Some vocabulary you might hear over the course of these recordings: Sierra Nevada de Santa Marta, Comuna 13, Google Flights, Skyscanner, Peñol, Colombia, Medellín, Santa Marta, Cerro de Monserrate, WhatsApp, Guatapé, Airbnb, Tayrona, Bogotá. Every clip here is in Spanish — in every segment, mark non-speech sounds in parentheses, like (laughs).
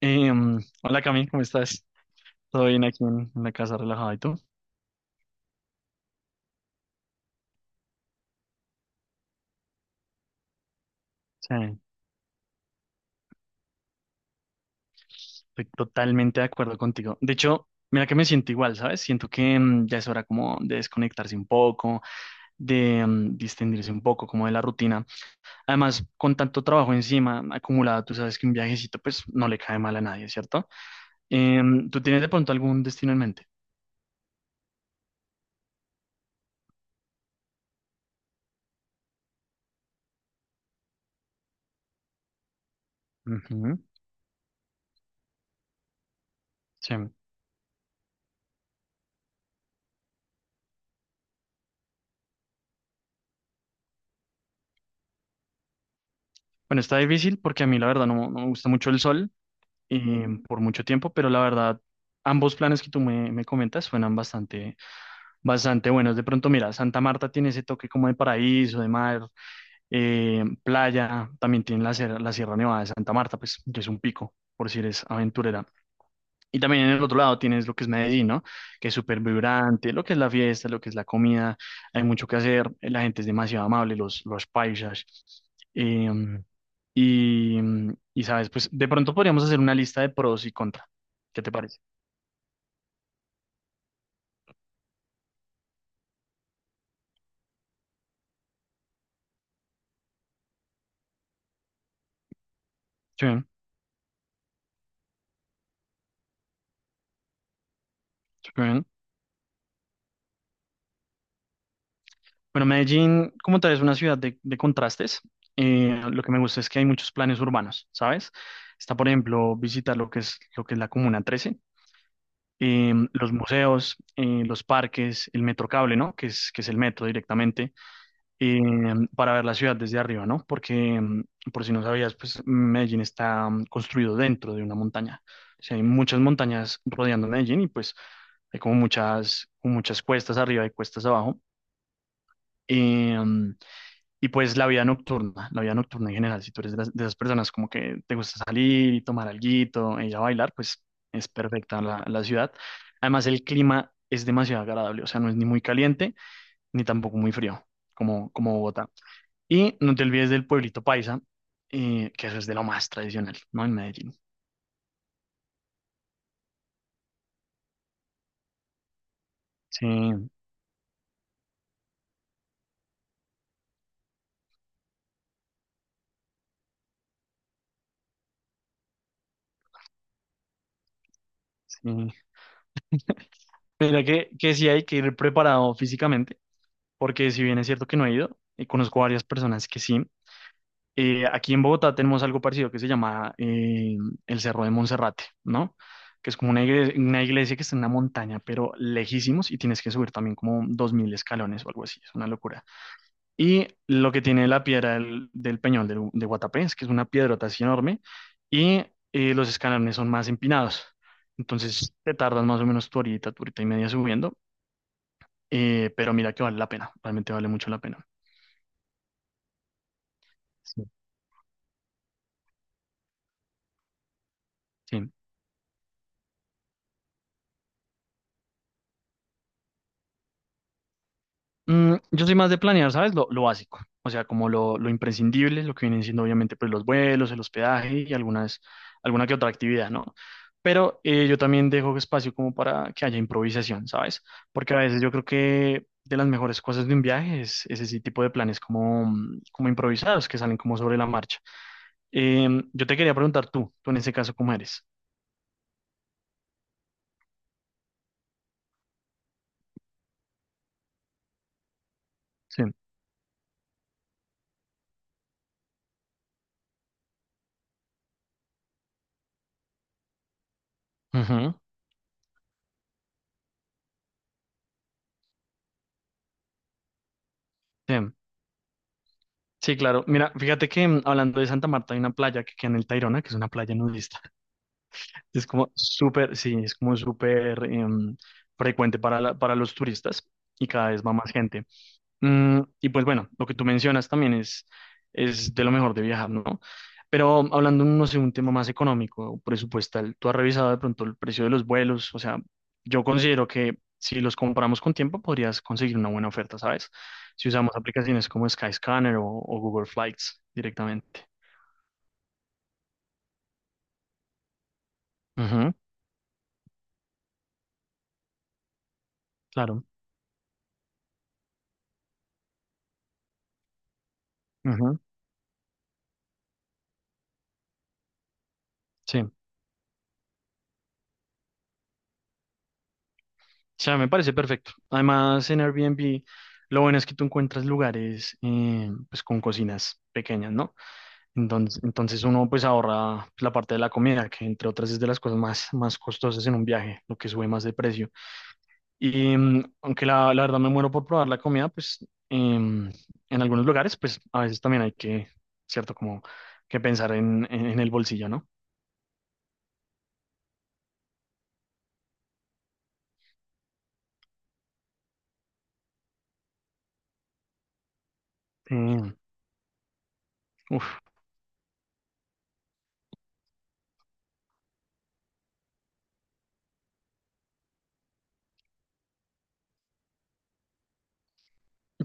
Hola Cami, ¿cómo estás? Todo bien aquí en la casa relajado, ¿y tú? Sí, estoy totalmente de acuerdo contigo. De hecho, mira que me siento igual, ¿sabes? Siento que ya es hora como de desconectarse un poco, de distendirse un poco como de la rutina. Además, con tanto trabajo encima acumulado, tú sabes que un viajecito pues no le cae mal a nadie, ¿cierto? ¿Tú tienes de pronto algún destino en mente? Ujú, sí. Bueno, está difícil porque a mí la verdad no me gusta mucho el sol, por mucho tiempo, pero la verdad, ambos planes que tú me comentas suenan bastante buenos. De pronto, mira, Santa Marta tiene ese toque como de paraíso, de mar, playa, también tiene la Sierra Nevada de Santa Marta, pues, que es un pico, por si eres aventurera. Y también en el otro lado tienes lo que es Medellín, ¿no? Que es súper vibrante, lo que es la fiesta, lo que es la comida, hay mucho que hacer, la gente es demasiado amable, los paisas. em, y sabes, pues de pronto podríamos hacer una lista de pros y contra. ¿Qué te parece? Sí, sí. Bueno, Medellín, como tal, es una ciudad de contrastes. Lo que me gusta es que hay muchos planes urbanos, ¿sabes? Está, por ejemplo, visitar lo que es la Comuna 13, los museos, los parques, el metro cable, ¿no? Que es el metro directamente. Eh, para ver la ciudad desde arriba, ¿no? Porque, por si no sabías, pues Medellín está construido dentro de una montaña. O sea, hay muchas montañas rodeando Medellín y pues hay como muchas cuestas arriba y cuestas abajo. Eh, mm, y pues la vida nocturna en general, si tú eres de, de esas personas como que te gusta salir y tomar alguito y ya bailar, pues es perfecta la ciudad. Además, el clima es demasiado agradable, o sea, no es ni muy caliente ni tampoco muy frío, como Bogotá. Y no te olvides del pueblito paisa, que eso es de lo más tradicional, ¿no? En Medellín. Sí, sí. (laughs) Mira que sí hay que ir preparado físicamente, porque si bien es cierto que no he ido, y conozco varias personas que sí. Aquí en Bogotá tenemos algo parecido que se llama el Cerro de Monserrate, ¿no? Que es como una iglesia que está en una montaña, pero lejísimos, y tienes que subir también como 2000 escalones o algo así, es una locura. Y lo que tiene la piedra del Peñol de Guatapé es que es una piedrota así enorme y los escalones son más empinados. Entonces te tardas más o menos tu horita y media subiendo, pero mira que vale la pena, realmente vale mucho la pena. Sí. Sí. Yo soy más de planear, ¿sabes? Lo básico, o sea, como lo imprescindible, lo que vienen siendo obviamente pues los vuelos, el hospedaje y algunas, alguna que otra actividad, ¿no? Pero yo también dejo espacio como para que haya improvisación, ¿sabes? Porque a veces yo creo que de las mejores cosas de un viaje es ese tipo de planes como, como improvisados que salen como sobre la marcha. Yo te quería preguntar tú en ese caso, ¿cómo eres? Sí. Ujú. Sí. Sí, claro. Mira, fíjate que hablando de Santa Marta hay una playa que queda en el Tayrona, que es una playa nudista. Es como súper, sí, es como súper frecuente para, para los turistas y cada vez va más gente. Y pues bueno, lo que tú mencionas también es de lo mejor de viajar, ¿no? Pero hablando, no sé, un tema más económico, presupuestal, ¿tú has revisado de pronto el precio de los vuelos? O sea, yo considero que si los compramos con tiempo podrías conseguir una buena oferta, ¿sabes? Si usamos aplicaciones como Skyscanner o Google Flights directamente. Ujú, claro. Ujú, sí. O sea, me parece perfecto. Además, en Airbnb, lo bueno es que tú encuentras lugares pues con cocinas pequeñas, ¿no? Entonces uno pues ahorra pues, la parte de la comida, que entre otras es de las cosas más, más costosas en un viaje, lo que sube más de precio. Y aunque la verdad me muero por probar la comida, pues em, en algunos lugares, pues a veces también hay que, ¿cierto? Como que pensar en el bolsillo, ¿no? Eh, uf.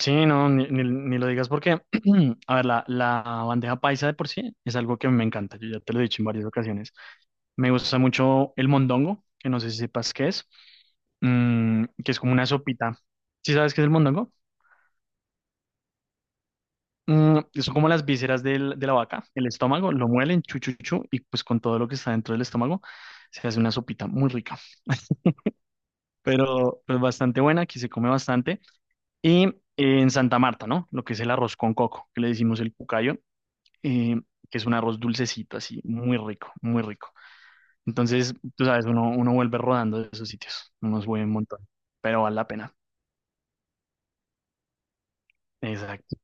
Sí, no, ni lo digas porque, (clears throat) a ver, la bandeja paisa de por sí es algo que me encanta, yo ya te lo he dicho en varias ocasiones. Me gusta mucho el mondongo, que no sé si sepas qué es, que es como una sopita. ¿Sí sabes qué es el mondongo? Mm, son como las vísceras de la vaca, el estómago, lo muelen, chu, chu, chu, y pues con todo lo que está dentro del estómago se hace una sopita muy rica, pero pues bastante buena, aquí se come bastante. Y en Santa Marta, ¿no? Lo que es el arroz con coco, que le decimos el cucayo, eh, que es un arroz dulcecito, así, muy rico, muy rico. Entonces, tú sabes, uno vuelve rodando de esos sitios, uno sube un montón, pero vale la pena. Exacto.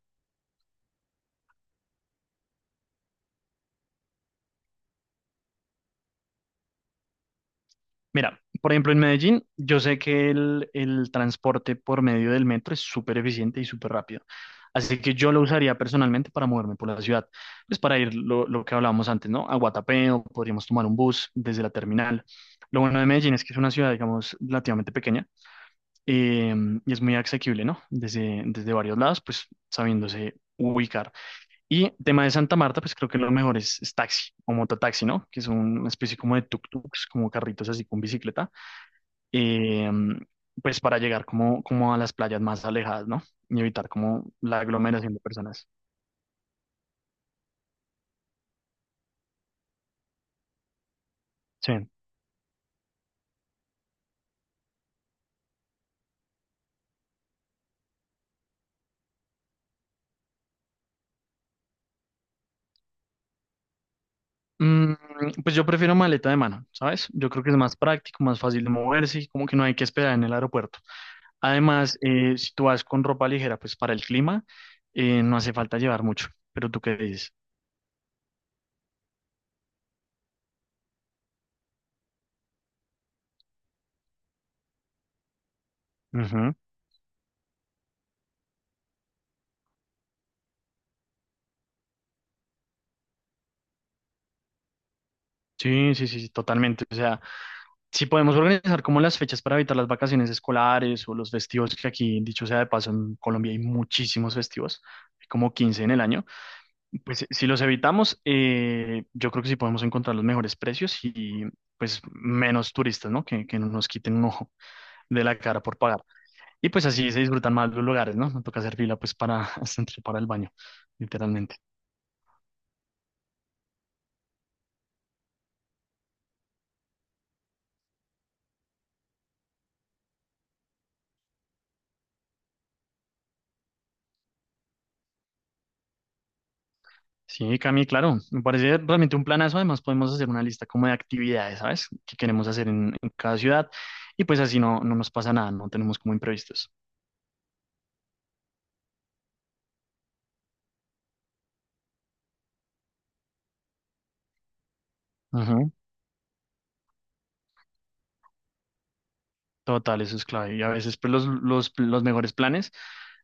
Mira, por ejemplo, en Medellín, yo sé que el transporte por medio del metro es súper eficiente y súper rápido. Así que yo lo usaría personalmente para moverme por la ciudad. Pues para ir lo que hablábamos antes, ¿no? A Guatapé o podríamos tomar un bus desde la terminal. Lo bueno de Medellín es que es una ciudad, digamos, relativamente pequeña. eh, y es muy asequible, ¿no? Desde varios lados, pues sabiéndose ubicar. Y tema de Santa Marta, pues creo que lo mejor es taxi o mototaxi, ¿no? Que es una especie como de tuk-tuks, como carritos así con bicicleta, eh, pues para llegar como a las playas más alejadas, ¿no? Y evitar como la aglomeración de personas. Sí. Mm, pues yo prefiero maleta de mano, ¿sabes? Yo creo que es más práctico, más fácil de moverse y como que no hay que esperar en el aeropuerto. Además, si tú vas con ropa ligera, pues para el clima, no hace falta llevar mucho. Pero tú qué dices. Ujú. Sí, sí, sí, sí, totalmente. O sea, si podemos organizar como las fechas para evitar las vacaciones escolares o los festivos, que aquí, dicho sea de paso, en Colombia hay muchísimos festivos, hay como 15 en el año, pues si los evitamos, yo creo que sí podemos encontrar los mejores precios y pues menos turistas, ¿no? Que no nos quiten un ojo de la cara por pagar. Y pues así se disfrutan más los lugares, ¿no? No toca hacer fila pues para (laughs) hasta entrar para el baño, literalmente. Sí, Cami, claro, me parece realmente un planazo. Además, podemos hacer una lista como de actividades, ¿sabes? Que queremos hacer en cada ciudad. Y pues así no, no nos pasa nada, no tenemos como imprevistos. Total, eso es clave. Y a veces pues, los mejores planes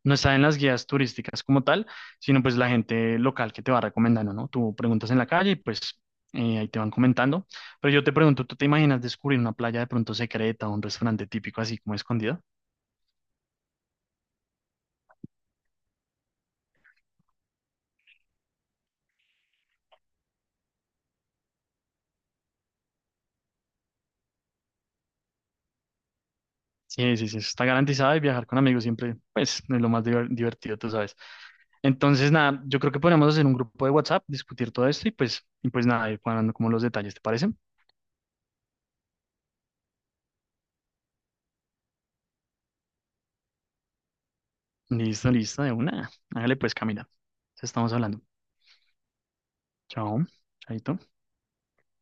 no están en las guías turísticas como tal, sino pues la gente local que te va recomendando, ¿no? Tú preguntas en la calle y pues ahí te van comentando. Pero yo te pregunto, ¿tú te imaginas descubrir una playa de pronto secreta o un restaurante típico así como escondido? Sí, sí, sí, eso está garantizado y viajar con amigos siempre pues es lo más divertido, tú sabes. Entonces, nada, yo creo que podríamos hacer un grupo de WhatsApp, discutir todo esto y pues nada, ir cuadrando como los detalles, ¿te parece? Listo, listo, de una. Hágale pues, Camila. Entonces estamos hablando. Chao. Chaito.